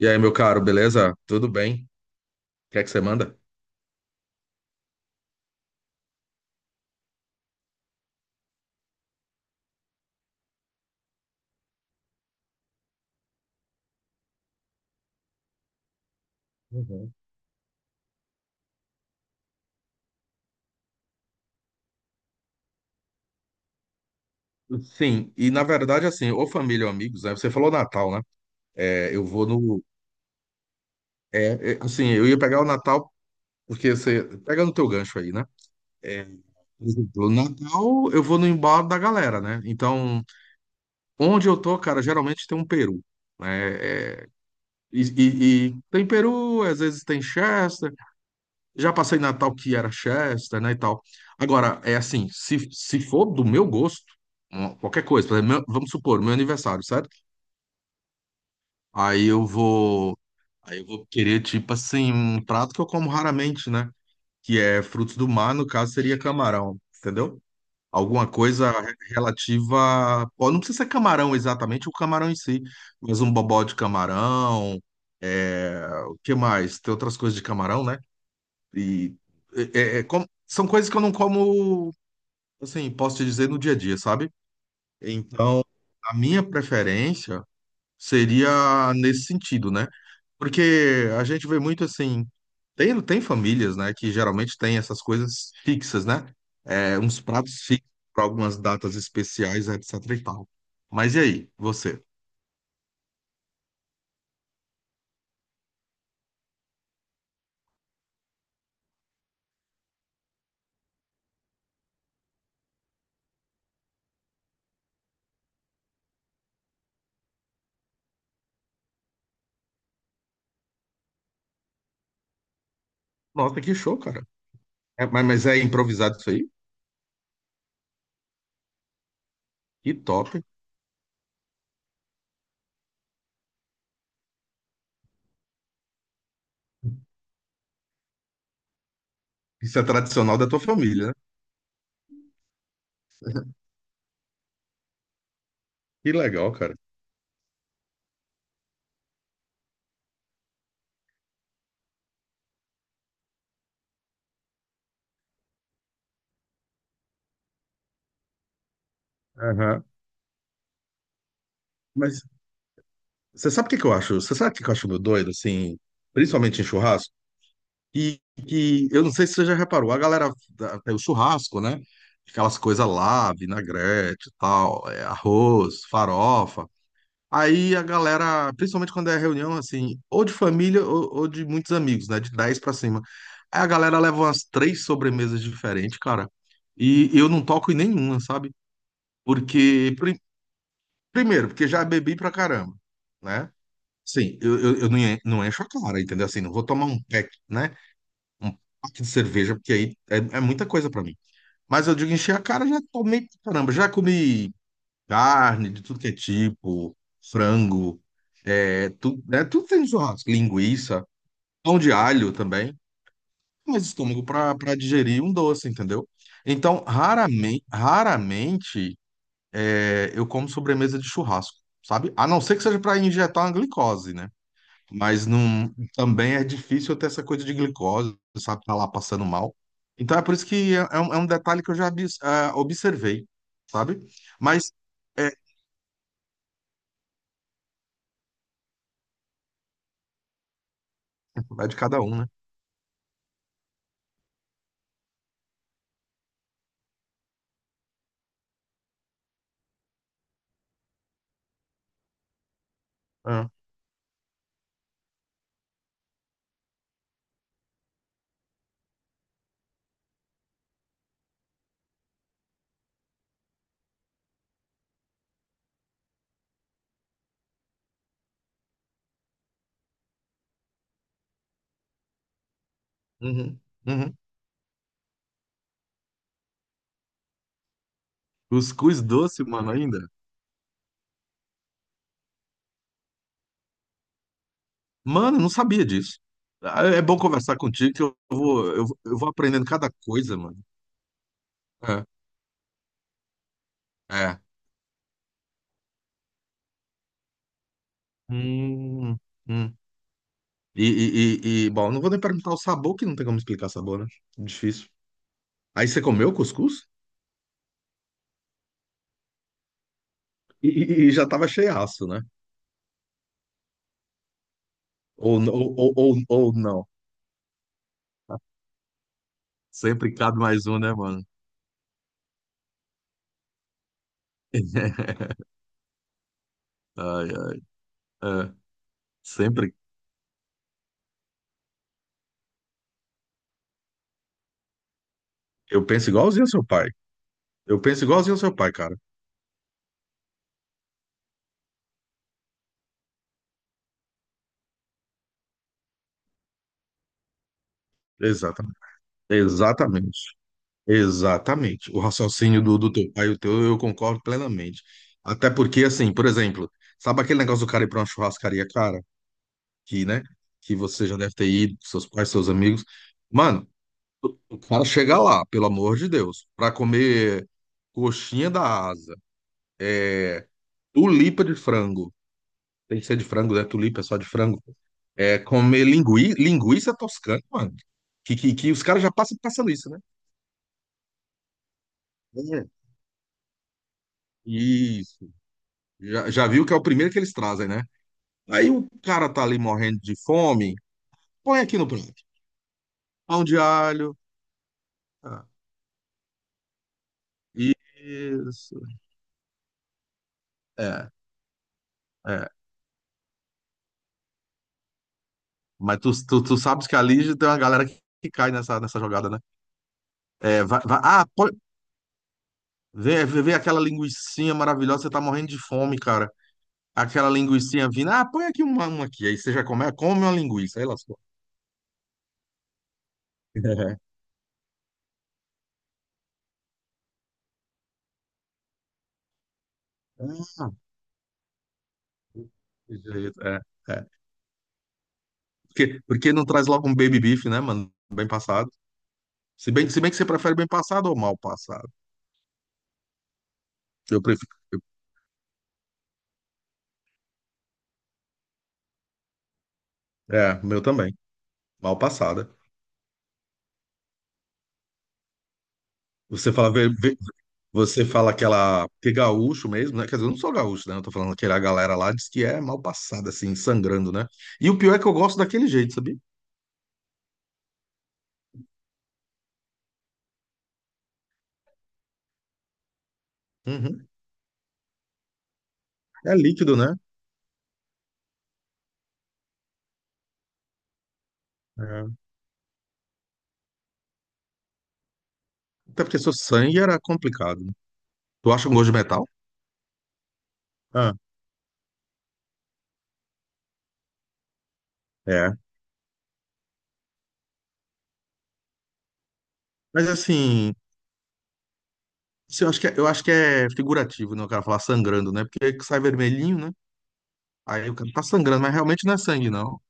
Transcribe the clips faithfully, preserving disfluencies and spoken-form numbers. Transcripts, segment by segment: E aí, meu caro, beleza? Tudo bem? O que é que você manda? Uhum. Sim, e na verdade, assim, ou família ou amigos, né? Você falou Natal, né? É, eu vou no. É, é, assim, eu ia pegar o Natal, porque você. Pega no teu gancho aí, né? É, por exemplo, o Natal, eu vou no embalo da galera, né? Então, onde eu tô, cara, geralmente tem um peru, né? É, e, e- e tem peru, às vezes tem Chester. Já passei Natal que era Chester, né, e tal. Agora, é assim, se, se for do meu gosto, um, qualquer coisa, por exemplo, meu- vamos supor, meu aniversário, certo? Aí eu vou, aí eu vou querer, tipo assim, um prato que eu como raramente, né? Que é frutos do mar, no caso seria camarão, entendeu? Alguma coisa re- relativa, pô, não precisa ser camarão exatamente, o camarão em si, mas um bobó de camarão. É, o que mais? Tem outras coisas de camarão, né? E é, é, é como- são coisas que eu não como, assim, posso te dizer no dia a dia, sabe? Então, a minha preferência seria nesse sentido, né? Porque a gente vê muito assim, tem, tem famílias, né, que geralmente tem essas coisas fixas, né? É, uns pratos fixos para algumas datas especiais, etc e tal. Mas e aí, você? Nossa, que show, cara. É, mas, mas é improvisado isso aí? Que top. Isso é tradicional da tua família, né? Que legal, cara. Aham. Mas você sabe o que que eu acho? Você sabe o que que eu acho meio doido, assim, principalmente em churrasco? E que eu não sei se você já reparou, a galera da- tem o churrasco, né? Aquelas coisas lá, vinagrete e tal, é, arroz, farofa. Aí a galera, principalmente quando é reunião, assim, ou de família ou, ou de muitos amigos, né? De dez pra cima. Aí a galera leva umas três sobremesas diferentes, cara. E eu não toco em nenhuma, sabe? Porque, pri- primeiro, porque já bebi pra caramba, né? Sim, eu, eu, eu não en- não encho a cara, entendeu? Assim, não vou tomar um pack, né? Um pack de cerveja, porque aí é, é muita coisa pra mim. Mas eu digo encher a cara, já tomei, pra caramba, já comi carne de tudo que é tipo, frango, é, tudo, né? Tudo tem churrasco, linguiça, pão de alho também, mas estômago pra, pra digerir um doce, entendeu? Então, raramente, raramente, é, eu como sobremesa de churrasco, sabe? A não ser que seja pra injetar uma glicose, né? Mas não, também é difícil ter essa coisa de glicose, sabe? Tá lá passando mal. Então é por isso que é, é um, é um detalhe que eu já abis- ah, observei, sabe? Mas é, vai de cada um, né? Ah, uhum, uhum. Cuscuz doce, mano, ainda? Mano, eu não sabia disso. Ah, é bom conversar contigo que eu vou, eu, vou- eu vou aprendendo cada coisa, mano. É, é. Hum, hum. E, e, e, e, bom, não vou nem perguntar o sabor, que não tem como explicar sabor, né? Difícil. Aí você comeu cuscuz? E, e- e já tava cheiaço, né? Ou, n- ou, ou, ou, ou não. Sempre cabe mais um, né, mano? Ai, ai, é. Sempre. Eu penso igualzinho ao seu pai. Eu penso igualzinho ao seu pai, cara. Exatamente. Exatamente. Exatamente. O raciocínio do, do teu pai e o teu, eu concordo plenamente. Até porque, assim, por exemplo, sabe aquele negócio do cara ir pra uma churrascaria cara? Que, né? Que você já deve ter ido, seus pais, seus amigos. Mano, o cara chega lá, pelo amor de Deus, para comer coxinha da asa, é, tulipa de frango. Tem que ser de frango, né? Tulipa é só de frango. É comer lingui... linguiça toscana, mano. Que, que, que os caras já passam passando isso, né? É. Isso. Já, já viu que é o primeiro que eles trazem, né? Aí o cara tá ali morrendo de fome, põe aqui no prato. Pão de alho. Ah, isso. É, é. Mas tu, tu, tu sabes que ali tem uma galera que que cai nessa, nessa jogada, né? É, vai, vai- ah, pode, vê, vê vê aquela linguicinha maravilhosa, você tá morrendo de fome, cara. Aquela linguicinha vindo, ah, põe aqui uma, uma aqui. Aí você já come, ah, come uma linguiça, aí lascou. É. Ah, desse jeito, é, é. Porque, porque não traz logo um baby beef, né, mano? Bem passado. Se bem, se bem que você prefere bem passado ou mal passado. Eu prefiro. eu- É, o meu também. Mal passada. Você fala, vê, vê- Você fala aquela. Que gaúcho mesmo, né? Quer dizer, eu não sou gaúcho, né? Eu tô falando que a galera lá diz que é mal passada, assim, sangrando, né? E o pior é que eu gosto daquele jeito, sabia? Uhum. É líquido, né? É. Até porque seu sangue era complicado, né? Tu acha um gosto de metal? Ah, é. Mas assim, assim, eu acho que é, eu acho que é figurativo, né? O cara falar sangrando, né? Porque sai vermelhinho, né? Aí o cara tá sangrando, mas realmente não é sangue, não.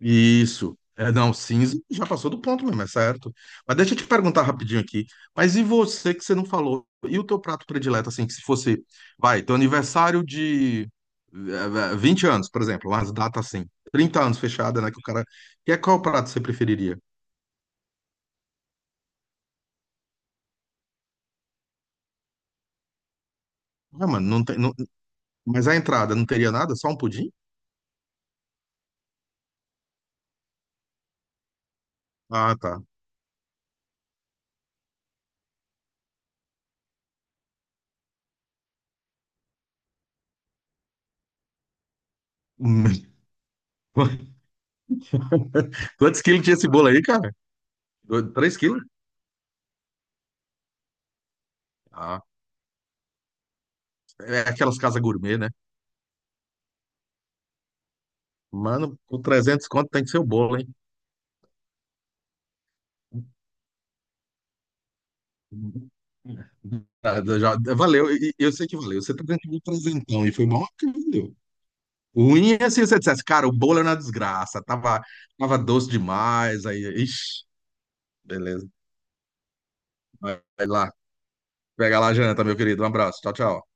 Isso. É, não, cinza já passou do ponto mesmo, é certo. Mas deixa eu te perguntar rapidinho aqui. Mas e você que você não falou? E o teu prato predileto, assim, que se fosse, vai, teu aniversário de eh, eh, vinte anos, por exemplo, umas datas assim, trinta anos fechada, né, que o cara... que é qual prato você preferiria? Ah, mano, não tem, não, mas a entrada não teria nada? Só um pudim? Ah, tá. Quantos quilos tinha esse bolo aí, cara? Dois- Três quilos? Ah, é aquelas casas gourmet, né? Mano, com trezentos conto tem que ser o bolo, hein? Nada, já, valeu, e- e eu sei que valeu. Você tá dando de presentão e foi bom que valeu. Ruim é se você dissesse, cara, o bolo é uma desgraça, tava, tava doce demais, aí, ixi, beleza. Vai vai lá, pega lá a janta, meu querido. Um abraço, tchau, tchau.